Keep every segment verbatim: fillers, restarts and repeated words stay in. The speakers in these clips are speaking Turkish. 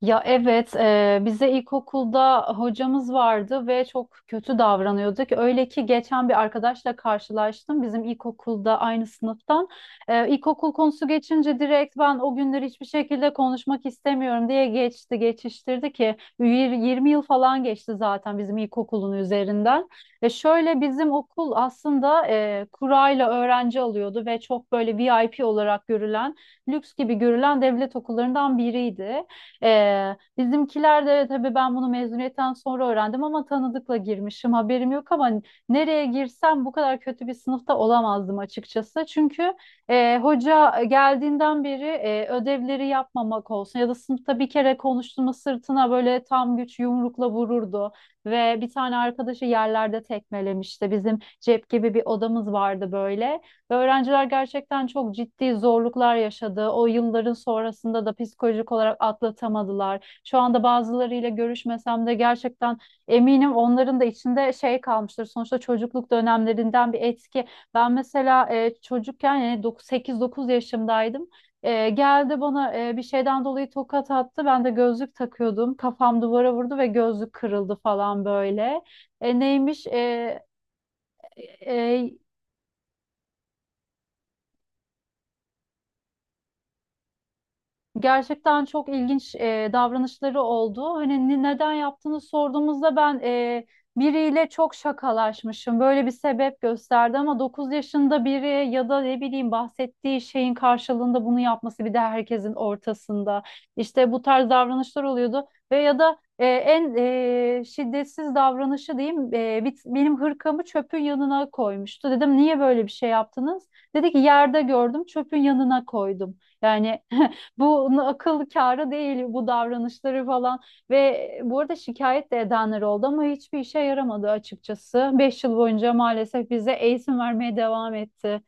Ya evet, e, bize ilkokulda hocamız vardı ve çok kötü davranıyorduk. Öyle ki geçen bir arkadaşla karşılaştım bizim ilkokulda aynı sınıftan. E, ilkokul konusu geçince direkt ben o günleri hiçbir şekilde konuşmak istemiyorum diye geçti, geçiştirdi ki yir- yirmi yıl falan geçti zaten bizim ilkokulun üzerinden. Ve şöyle bizim okul aslında e, kurayla öğrenci alıyordu ve çok böyle V I P olarak görülen, lüks gibi görülen devlet okullarından biriydi. Ee, bizimkiler de tabii ben bunu mezuniyetten sonra öğrendim ama tanıdıkla girmişim haberim yok ama nereye girsem bu kadar kötü bir sınıfta olamazdım açıkçası. Çünkü e, hoca geldiğinden beri e, ödevleri yapmamak olsun ya da sınıfta bir kere konuştuğumu sırtına böyle tam güç yumrukla vururdu ve bir tane arkadaşı yerlerde tekmelemişti. Bizim cep gibi bir odamız vardı böyle. Ve öğrenciler gerçekten çok ciddi zorluklar yaşadı. O yılların sonrasında da psikolojik olarak atlatamadılar. Şu anda bazılarıyla görüşmesem de gerçekten eminim onların da içinde şey kalmıştır. Sonuçta çocukluk dönemlerinden bir etki. Ben mesela e, çocukken yani sekiz dokuz yaşımdaydım. E, geldi bana e, bir şeyden dolayı tokat attı. Ben de gözlük takıyordum. Kafam duvara vurdu ve gözlük kırıldı falan böyle. E, neymiş? E, e, Gerçekten çok ilginç e, davranışları oldu. Hani ne- neden yaptığını sorduğumuzda ben e, biriyle çok şakalaşmışım. Böyle bir sebep gösterdi ama dokuz yaşında biri ya da ne bileyim bahsettiği şeyin karşılığında bunu yapması bir de herkesin ortasında. İşte bu tarz davranışlar oluyordu ve ya da e, en e, şiddetsiz davranışı diyeyim, e, bit- benim hırkamı çöpün yanına koymuştu. Dedim niye böyle bir şey yaptınız? Dedi ki yerde gördüm çöpün yanına koydum. Yani bu akıl kârı değil bu davranışları falan ve bu arada şikayet de edenler oldu ama hiçbir işe yaramadı açıkçası. Beş yıl boyunca maalesef bize eğitim vermeye devam etti.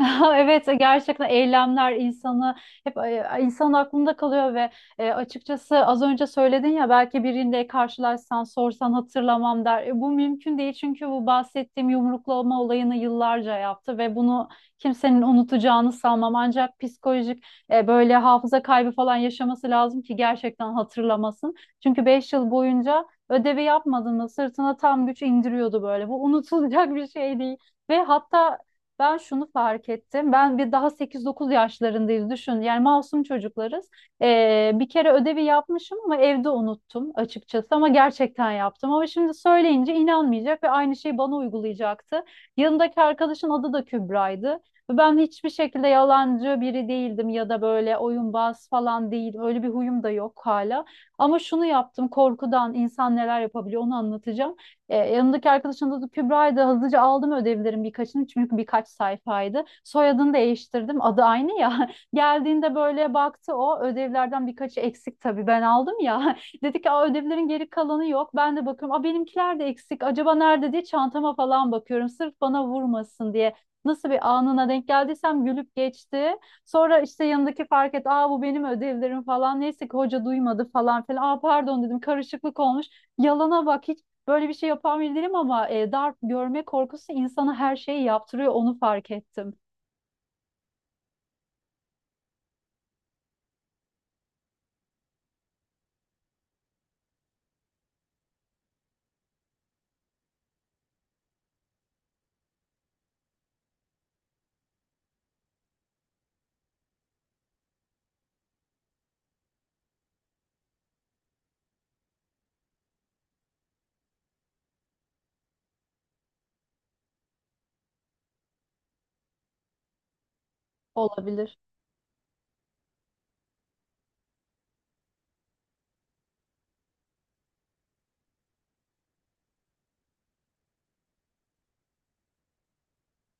Evet, gerçekten eylemler insanı hep e, insanın aklında kalıyor ve e, açıkçası az önce söyledin ya belki birinde karşılaşsan sorsan hatırlamam der. E, bu mümkün değil çünkü bu bahsettiğim yumruklama olayını yıllarca yaptı ve bunu kimsenin unutacağını sanmam. Ancak psikolojik e, böyle hafıza kaybı falan yaşaması lazım ki gerçekten hatırlamasın. Çünkü beş yıl boyunca ödevi yapmadığında sırtına tam güç indiriyordu böyle. Bu unutulacak bir şey değil. Ve hatta ben şunu fark ettim. Ben bir daha sekiz dokuz yaşlarındayız düşün. Yani masum çocuklarız. Ee, bir kere ödevi yapmışım ama evde unuttum açıkçası ama gerçekten yaptım. Ama şimdi söyleyince inanmayacak ve aynı şeyi bana uygulayacaktı. Yanındaki arkadaşın adı da Kübra'ydı. Ve ben hiçbir şekilde yalancı biri değildim ya da böyle oyunbaz falan değil. Öyle bir huyum da yok hala. Ama şunu yaptım, korkudan insan neler yapabiliyor onu anlatacağım. E, yanımdaki arkadaşın adı Kübra'ydı. Hızlıca aldım ödevlerin birkaçını çünkü birkaç sayfaydı. Soyadını değiştirdim. Adı aynı ya. Geldiğinde böyle baktı o. Ödevlerden birkaçı eksik tabii, ben aldım ya. Dedi ki, "Aa, ödevlerin geri kalanı yok." Ben de bakıyorum. Aa, benimkiler de eksik. Acaba nerede diye çantama falan bakıyorum. Sırf bana vurmasın diye. Nasıl bir anına denk geldiysem gülüp geçti. Sonra işte yanındaki fark et. Aa, bu benim ödevlerim falan. Neyse ki hoca duymadı falan filan. Aa, pardon dedim, karışıklık olmuş. Yalana bak hiç. Böyle bir şey yapan biri değilim ama e, darp görme korkusu insana her şeyi yaptırıyor. Onu fark ettim. Olabilir.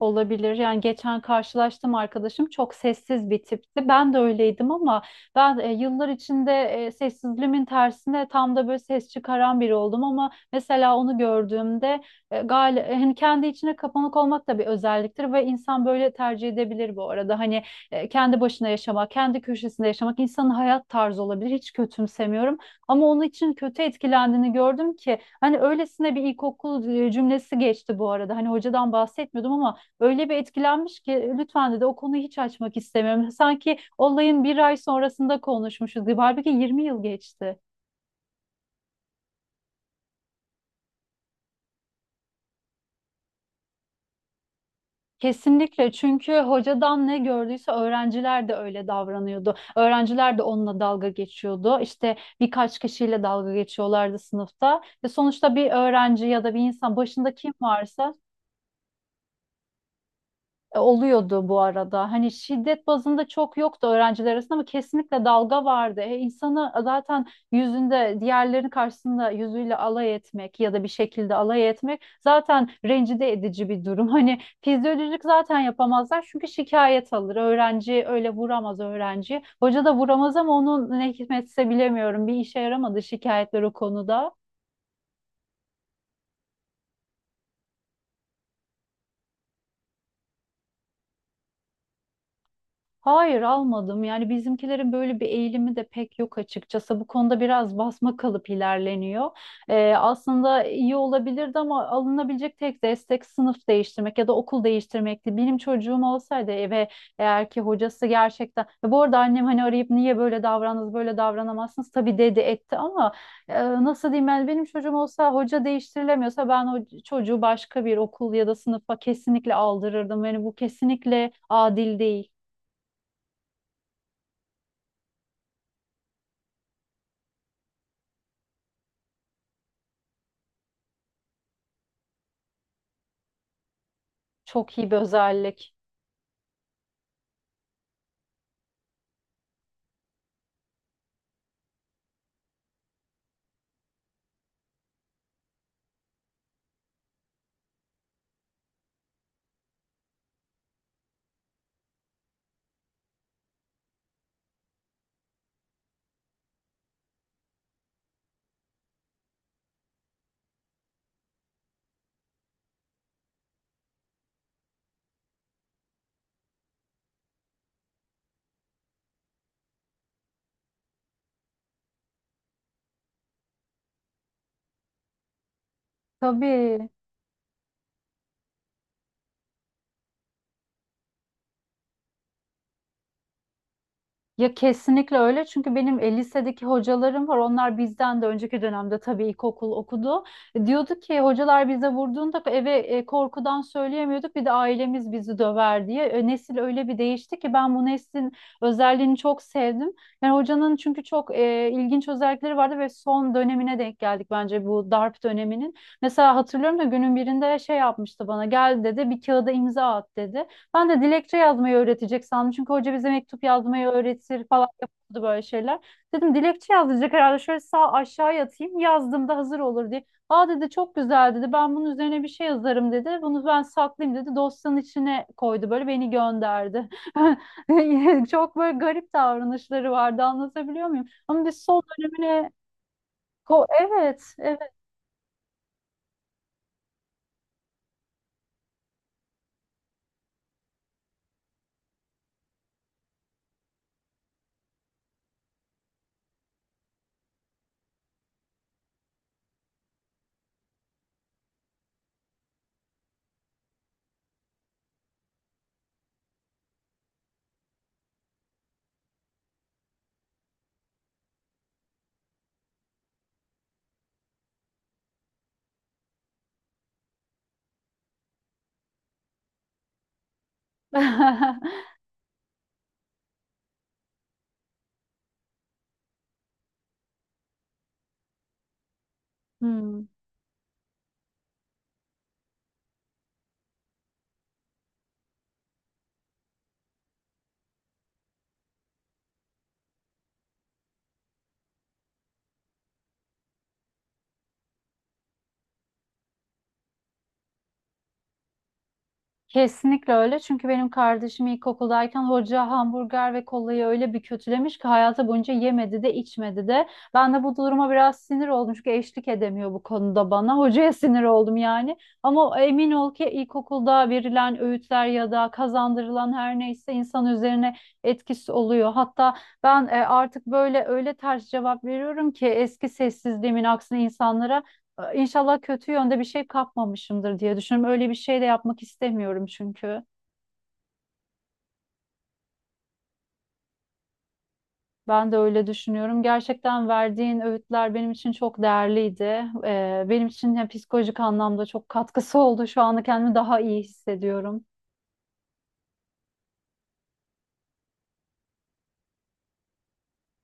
Olabilir. Yani geçen karşılaştım, arkadaşım çok sessiz bir tipti. Ben de öyleydim ama ben e, yıllar içinde e, sessizliğimin tersine tam da böyle ses çıkaran biri oldum ama mesela onu gördüğümde e, gal e, hani kendi içine kapanık olmak da bir özelliktir ve insan böyle tercih edebilir bu arada. Hani e, kendi başına yaşamak, kendi köşesinde yaşamak insanın hayat tarzı olabilir. Hiç kötümsemiyorum ama onun için kötü etkilendiğini gördüm ki hani öylesine bir ilkokul e, cümlesi geçti bu arada. Hani hocadan bahsetmiyordum ama öyle bir etkilenmiş ki lütfen dedi, o konuyu hiç açmak istemiyorum. Sanki olayın bir ay sonrasında konuşmuşuz gibi. Halbuki yirmi yıl geçti. Kesinlikle, çünkü hocadan ne gördüyse öğrenciler de öyle davranıyordu. Öğrenciler de onunla dalga geçiyordu. İşte birkaç kişiyle dalga geçiyorlardı sınıfta. Ve sonuçta bir öğrenci ya da bir insan başında kim varsa e, oluyordu bu arada. Hani şiddet bazında çok yoktu öğrenciler arasında ama kesinlikle dalga vardı. E, insanı zaten yüzünde diğerlerinin karşısında yüzüyle alay etmek ya da bir şekilde alay etmek zaten rencide edici bir durum. Hani fizyolojik zaten yapamazlar çünkü şikayet alır. Öğrenci öyle vuramaz öğrenci. Hoca da vuramaz ama onun ne hikmetse bilemiyorum. Bir işe yaramadı şikayetler o konuda. Hayır, almadım. Yani bizimkilerin böyle bir eğilimi de pek yok açıkçası. Bu konuda biraz basma kalıp ilerleniyor. Ee, aslında iyi olabilirdi ama alınabilecek tek destek sınıf değiştirmek ya da okul değiştirmekti. Benim çocuğum olsaydı eve, eğer ki hocası gerçekten... Ya bu arada annem hani arayıp niye böyle davrandınız, böyle davranamazsınız tabii dedi etti ama e, nasıl diyeyim, yani benim çocuğum olsa hoca değiştirilemiyorsa ben o çocuğu başka bir okul ya da sınıfa kesinlikle aldırırdım. Yani bu kesinlikle adil değil. Çok iyi bir özellik. Tabii. Ya kesinlikle öyle. Çünkü benim e, lisedeki hocalarım var. Onlar bizden de önceki dönemde tabii ilkokul okudu. E, Diyordu ki hocalar bize vurduğunda eve e, korkudan söyleyemiyorduk. Bir de ailemiz bizi döver diye. E, Nesil öyle bir değişti ki ben bu neslin özelliğini çok sevdim. Yani hocanın çünkü çok e, ilginç özellikleri vardı ve son dönemine denk geldik bence bu darp döneminin. Mesela hatırlıyorum da günün birinde şey yapmıştı bana. Gel dedi, bir kağıda imza at dedi. Ben de dilekçe yazmayı öğretecek sandım. Çünkü hoca bize mektup yazmayı öğretir falan yapıyordu böyle şeyler. Dedim dilekçe yazacak herhalde. Şöyle sağ aşağıya atayım. Yazdığımda hazır olur diye. Aa dedi, çok güzel dedi. Ben bunun üzerine bir şey yazarım dedi. Bunu ben saklayayım dedi. Dosyanın içine koydu böyle, beni gönderdi. Çok böyle garip davranışları vardı. Anlatabiliyor muyum? Ama biz son dönemine ko- evet, evet. Hmm. Kesinlikle öyle. Çünkü benim kardeşim ilkokuldayken hoca hamburger ve kolayı öyle bir kötülemiş ki hayatı boyunca yemedi de içmedi de. Ben de bu duruma biraz sinir oldum çünkü eşlik edemiyor bu konuda bana. Hocaya sinir oldum yani. Ama emin ol ki ilkokulda verilen öğütler ya da kazandırılan her neyse insan üzerine etkisi oluyor. Hatta ben e, artık böyle öyle ters cevap veriyorum ki eski sessizliğimin aksine insanlara e, İnşallah kötü yönde bir şey kapmamışımdır diye düşünüyorum. Öyle bir şey de yapmak istemiyorum çünkü. Ben de öyle düşünüyorum. Gerçekten verdiğin öğütler benim için çok değerliydi. E, benim için ya psikolojik anlamda çok katkısı oldu. Şu anda kendimi daha iyi hissediyorum.